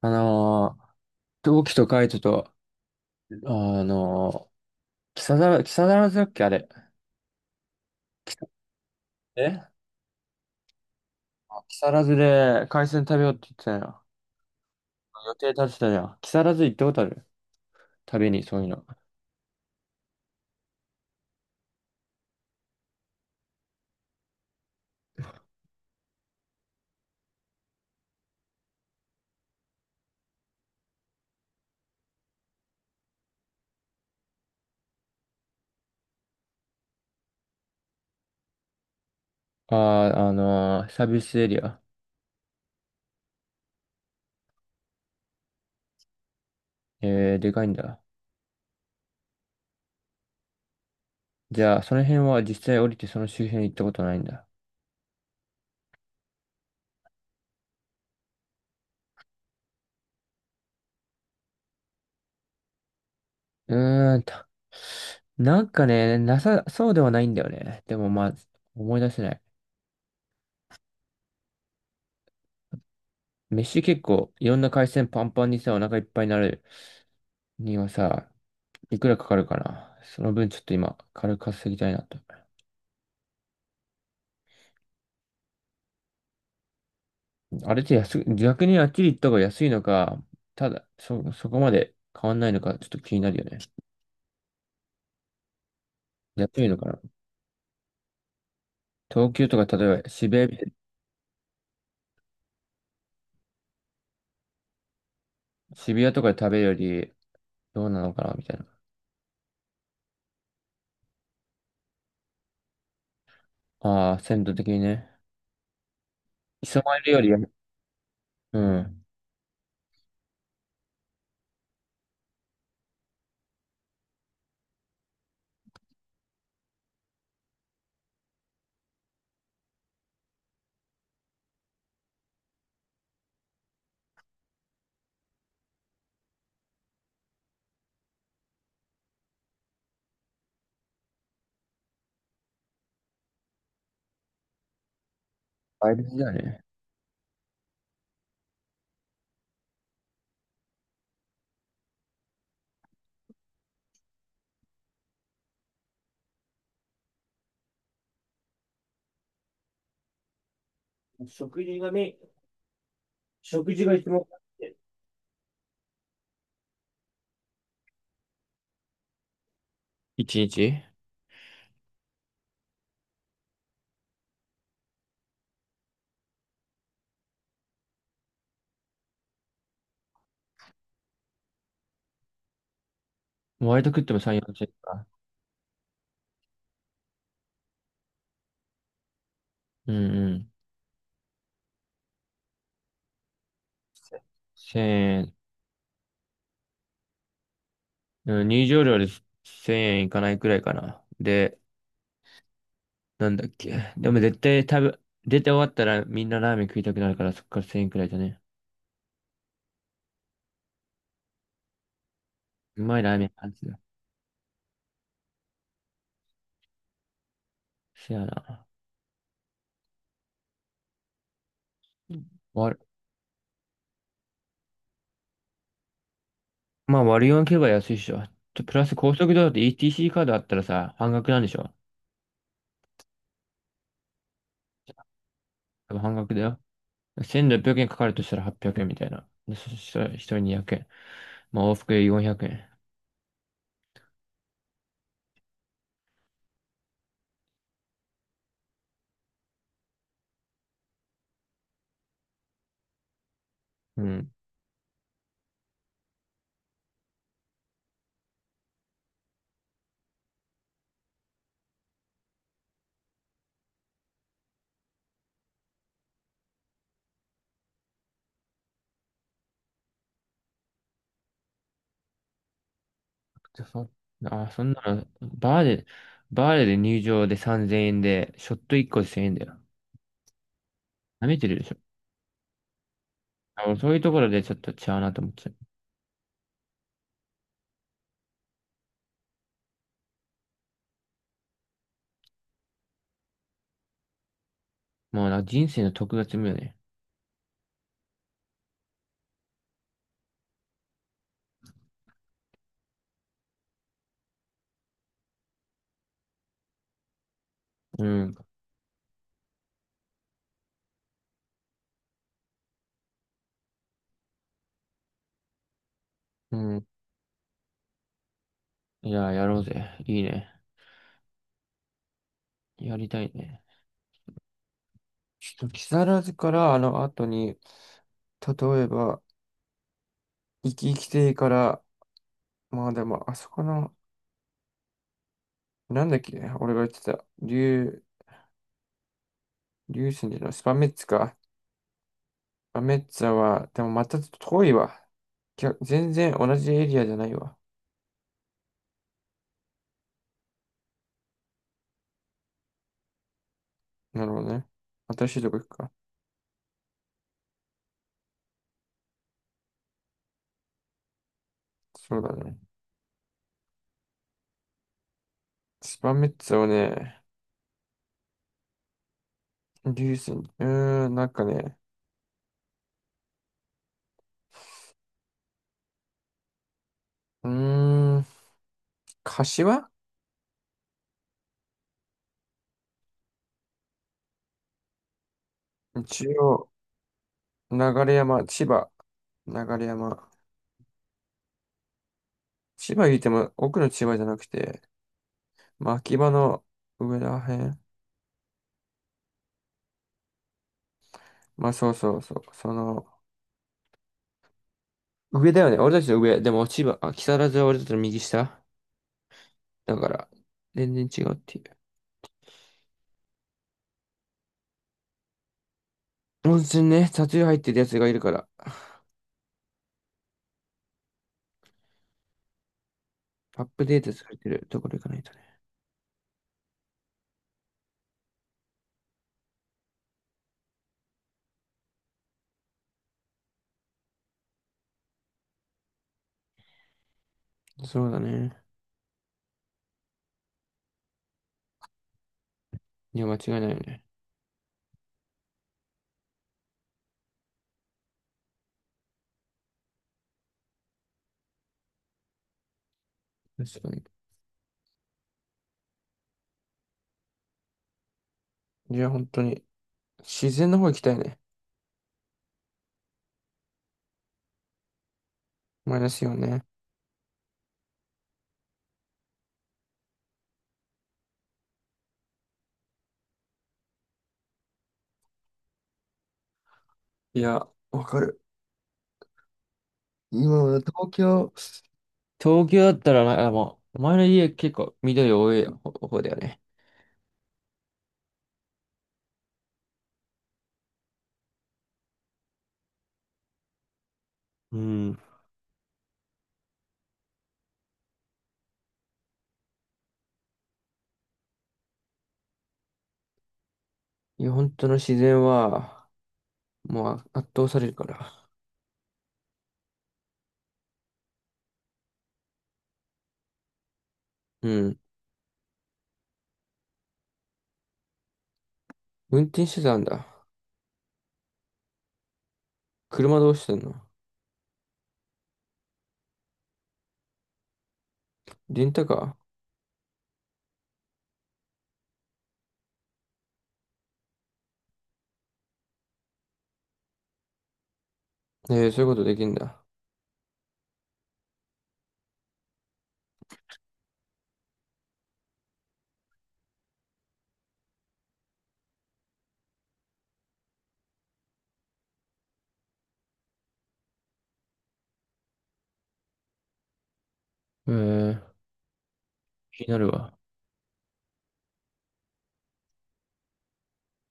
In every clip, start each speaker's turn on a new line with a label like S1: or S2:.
S1: あのー、同期とカイトと、あのー、木更津だっけあれ。木更津、えあ、木更津で海鮮食べようって言ってたよ。予定立てたじゃん。木更津行ったことある？食べに、そういうの。ああ、サービスエリア。えー、でかいんだ。じゃあ、その辺は実際降りてその周辺に行ったことないんだ？うーんと。なんかね、なさそうではないんだよね。でもまあ、思い出せない。飯結構いろんな海鮮パンパンにさ、お腹いっぱいになるにはさ、いくらかかるかな。その分ちょっと今、軽く稼ぎたいなと。あれって安く、逆にあっちり行った方が安いのか、ただ、そこまで変わんないのか、ちょっと気になるよね。安いのかな。東京とか、例えば渋谷とかで食べるより、どうなのかな、みたいな。ああ、鮮度的にね。磯丸よりや、うん。倍率だよね。食事がね、食事が一番。一日割と食っても3、4千円か。うんうん。せ0 0うん、入場料で1000円いかないくらいかな。で、なんだっけ。でも絶対出て終わったらみんなラーメン食いたくなるからそっから1000円くらいだね。うまいラーメンなんですよ。せやな。うん。わ、まあ割り勘けば安いっしょ。とプラス高速道路で ETC カードあったらさ、半額なんでしょ？多分半額だよ。1600円かかるとしたら800円みたいな。でそしたら1人200円。まあ往復で400円。うん。じゃそ、あ、そんなの、バーで入場で3000円で、ショット1個で1000円だよ。舐めてるでしょ。あ、もうそういうところでちょっと違うなと思っちゃう。もうなんか人生の特積むよね。うん。うん。いや、やろうぜ。いいね。やりたいね。ちょっと木更津からあの後に、例えば、生き生き亭から、まあでも、あそこの、なんだっけ、俺が言ってた、竜神じゃない、スパメッツか。まあメッツァは、でもまたちょっと遠いわ。全然同じエリアじゃないわ。なるほどね。新しいとこ行くか。そうだね。スパメッツァをね、リュースに、なんかね、うーん、柏一応、流山、千葉、流山。千葉言っても奥の千葉じゃなくて、まあ、秋葉の上らへん。まあ、そうそうそう。その、上だよね。俺たちの上。でも千葉、あ、木更津は俺たちの右下。だから、全然違うっていう。温泉ね、タトゥー入ってるやつがいるから、アップデートされてるところ行かないとね。そうだね。いや、間違いないよね。確かに。いや、本当に、自然の方行きたいね。マイナスよね。いや、わかる。今は東京だったらな、あもう、前の家結構緑多い方だよね。うん。いや、本当の自然は、もう圧倒されるから。うん。運転手たんだ？車どうしてんの？レンタカー、ええ、そういうことできんだ。ええ、気になるわ。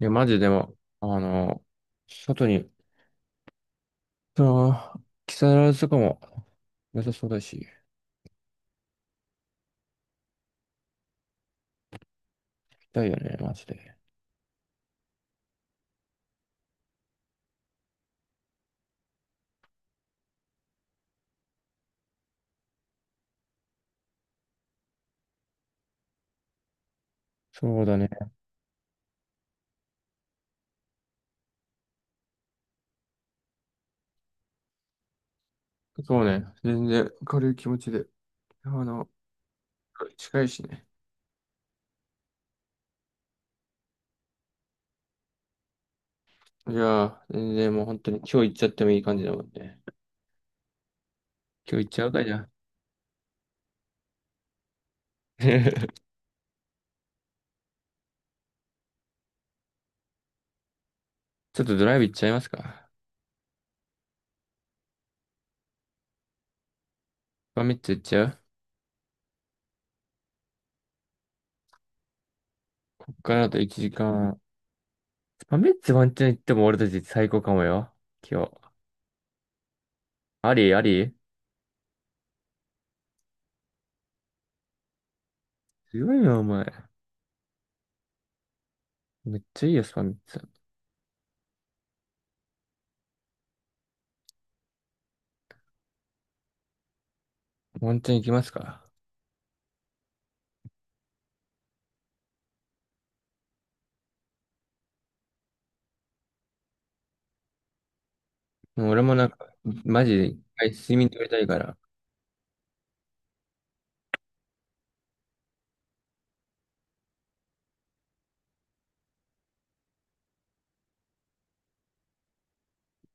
S1: いや、マジでも、外に、木更津とかも良さそうだし、行きたいよね、マジで。そうだね。そうね。全然軽い気持ちで。あの、近いしね。いやー、全然もう本当に今日行っちゃってもいい感じだもんね。今日行っちゃうかじゃあ。ちょっとドライブ行っちゃいますか。スパメッツ行っちゃう？こっからだと1時間。スパメッツワンチャン行っても俺たち最高かもよ。今日。ありあり、強いな、お前。めっちゃいいよ、スパメッツ。ワンチャン行きますか。もう俺もなんか、マジで一回睡眠取りたいから。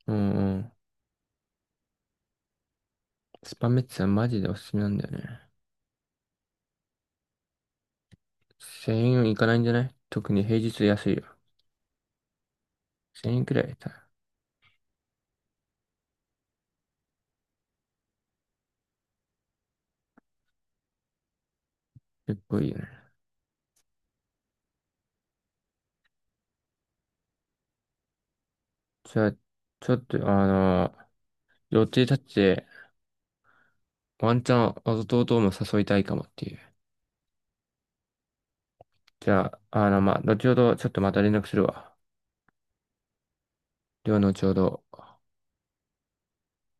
S1: うんうん。スパメッツはマジでおすすめなんだよね。1000円いかないんじゃない？特に平日安いよ。1000円くらいだ。結構いいよね。じゃあ、ちょっと、予定立ってて、ワンチャン弟も誘いたいかもっていう。じゃあ、まあ、後ほどちょっとまた連絡するわ。量のちょうど。